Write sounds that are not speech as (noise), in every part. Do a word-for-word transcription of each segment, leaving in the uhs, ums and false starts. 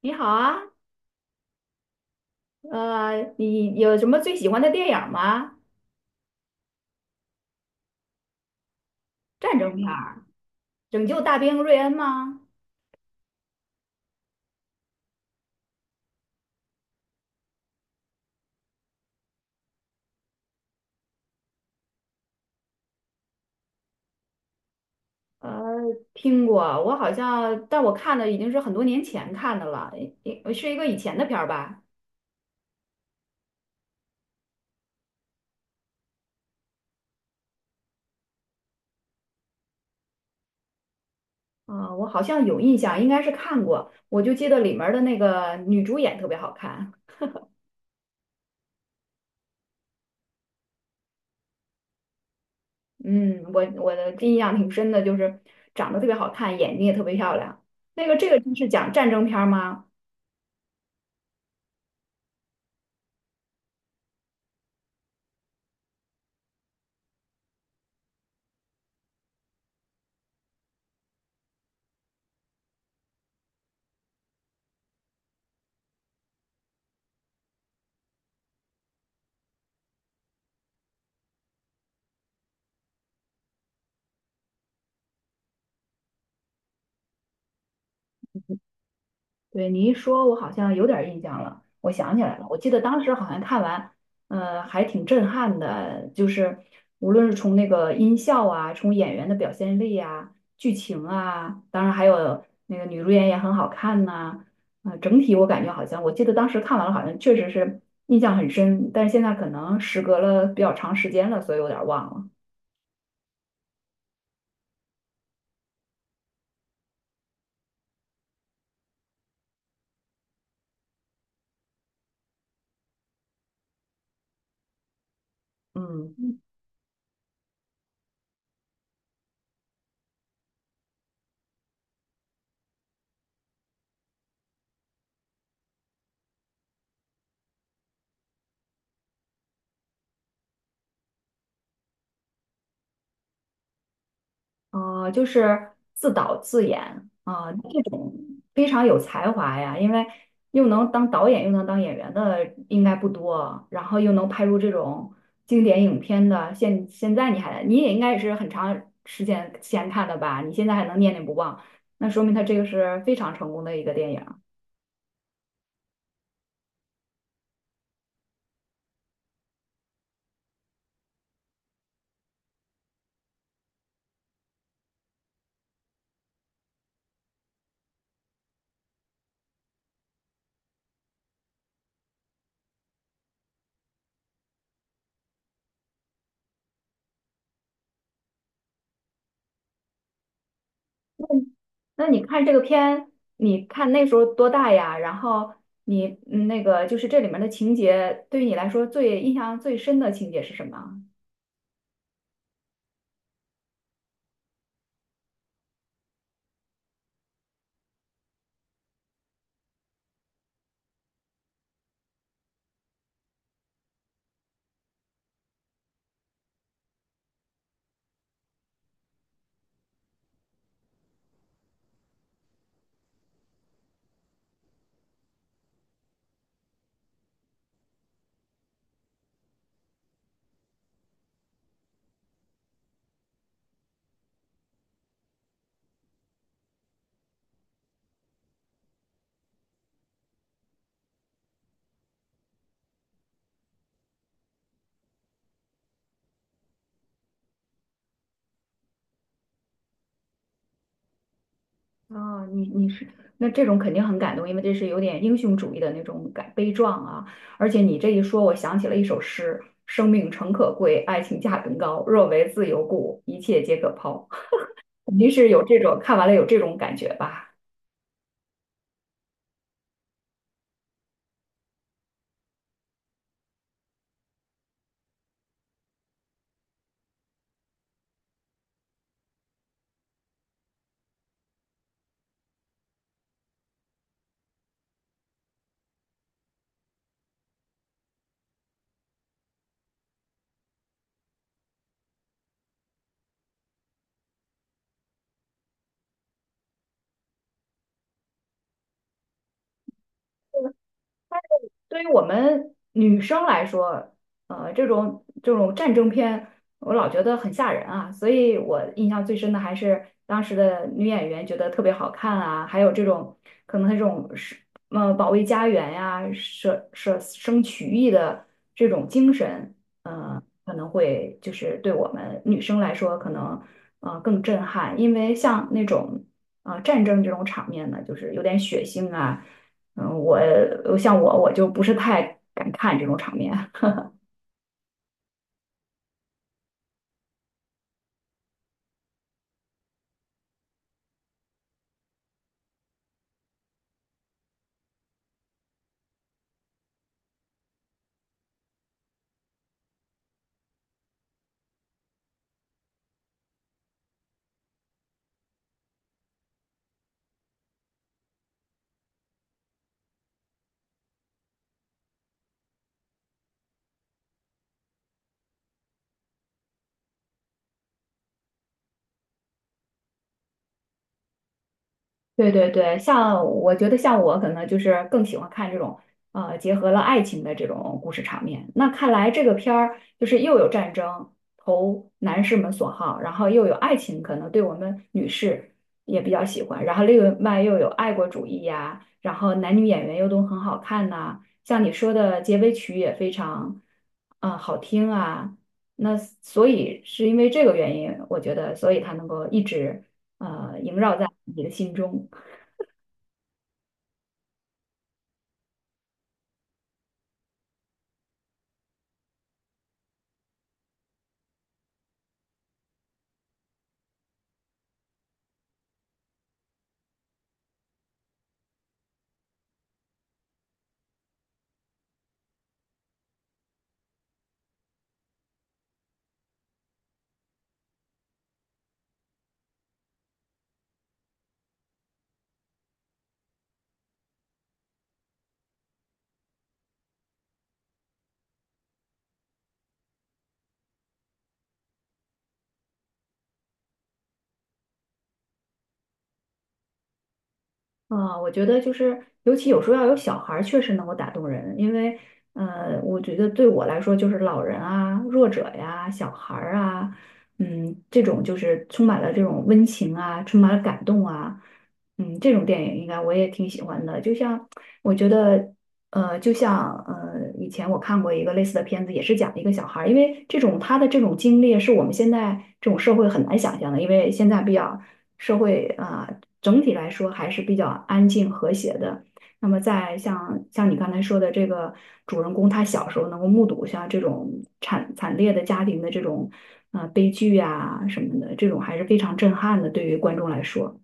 你好啊，呃，你有什么最喜欢的电影儿吗？战争片儿，《拯救大兵瑞恩》吗？呃，听过，我好像，但我看的已经是很多年前看的了，一是一个以前的片儿吧。啊，我好像有印象，应该是看过。我就记得里面儿的那个女主演特别好看。嗯，我我的印象挺深的，就是长得特别好看，眼睛也特别漂亮。那个这个就是讲战争片儿吗？对，你一说，我好像有点儿印象了，我想起来了，我记得当时好像看完，呃，还挺震撼的，就是无论是从那个音效啊，从演员的表现力啊，剧情啊，当然还有那个女主演也很好看呐。呃，整体我感觉好像，我记得当时看完了，好像确实是印象很深，但是现在可能时隔了比较长时间了，所以有点儿忘了。嗯。呃，就是自导自演啊，这种非常有才华呀，因为又能当导演又能当演员的应该不多，然后又能拍出这种经典影片的。现现在你还你也应该也是很长时间前看的吧？你现在还能念念不忘，那说明他这个是非常成功的一个电影。那你看这个片，你看那时候多大呀？然后你嗯那个就是这里面的情节，对于你来说最印象最深的情节是什么？啊，你你是那这种肯定很感动，因为这是有点英雄主义的那种感悲壮啊。而且你这一说，我想起了一首诗："生命诚可贵，爱情价更高。若为自由故，一切皆可抛。" (laughs) 肯定是有这种看完了有这种感觉吧。对于我们女生来说，呃，这种这种战争片，我老觉得很吓人啊，所以我印象最深的还是当时的女演员觉得特别好看啊，还有这种可能这种是呃保卫家园呀，舍舍生取义的这种精神，呃，可能会就是对我们女生来说可能呃更震撼，因为像那种呃战争这种场面呢，就是有点血腥啊。嗯，我呃像我我就不是太敢看这种场面。对，对，对，像我觉得像我可能就是更喜欢看这种呃结合了爱情的这种故事场面。那看来这个片儿就是又有战争投男士们所好，然后又有爱情，可能对我们女士也比较喜欢。然后另外又有爱国主义呀、然后男女演员又都很好看呐、像你说的结尾曲也非常啊、呃好听啊。那所以是因为这个原因，我觉得所以它能够一直呃萦绕在你的心中。啊，我觉得就是，尤其有时候要有小孩儿，确实能够打动人。因为，呃，我觉得对我来说，就是老人啊、弱者呀、小孩儿啊，嗯，这种就是充满了这种温情啊，充满了感动啊，嗯，这种电影应该我也挺喜欢的。就像我觉得，呃，就像呃，以前我看过一个类似的片子，也是讲一个小孩儿，因为这种他的这种经历是我们现在这种社会很难想象的，因为现在比较社会啊、呃整体来说还是比较安静和谐的。那么在像像你刚才说的这个主人公，他小时候能够目睹像这种惨惨烈的家庭的这种啊、呃悲剧啊什么的，这种还是非常震撼的，对于观众来说。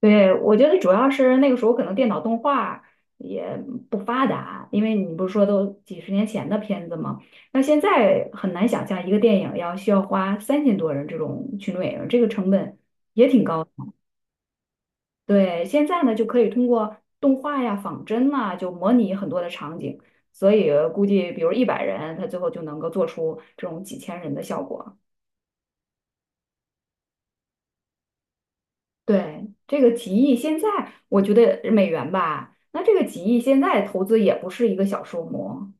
对，我觉得主要是那个时候可能电脑动画也不发达，因为你不是说都几十年前的片子吗？那现在很难想象一个电影要需要花三千多人这种群众演员，这个成本也挺高的。对，现在呢就可以通过动画呀、仿真呐、就模拟很多的场景，所以估计比如一百人，他最后就能够做出这种几千人的效果。对，这个几亿现在我觉得美元吧，那这个几亿现在投资也不是一个小数目。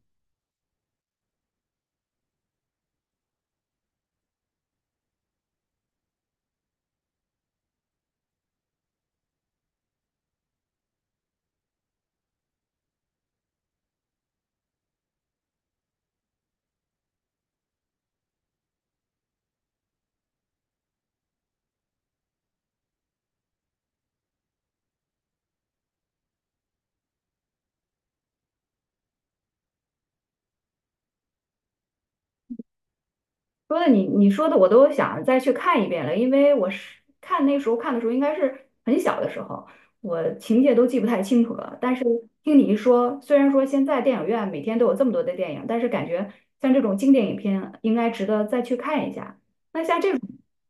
说的你你说的我都想再去看一遍了，因为我是看那时候看的时候应该是很小的时候，我情节都记不太清楚了。但是听你一说，虽然说现在电影院每天都有这么多的电影，但是感觉像这种经典影片应该值得再去看一下。像这种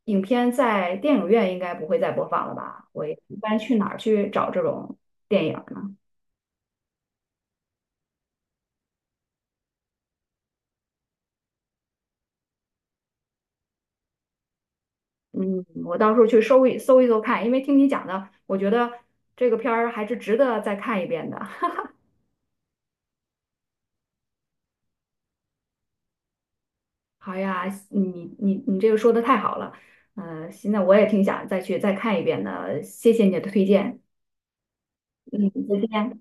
影片在电影院应该不会再播放了吧？我一般去哪儿去找这种电影呢？嗯，我到时候去搜一搜一搜看，因为听你讲的，我觉得这个片儿还是值得再看一遍的。好呀，你你你这个说的太好了，呃，现在我也挺想再去再看一遍的，谢谢你的推荐。嗯，再见。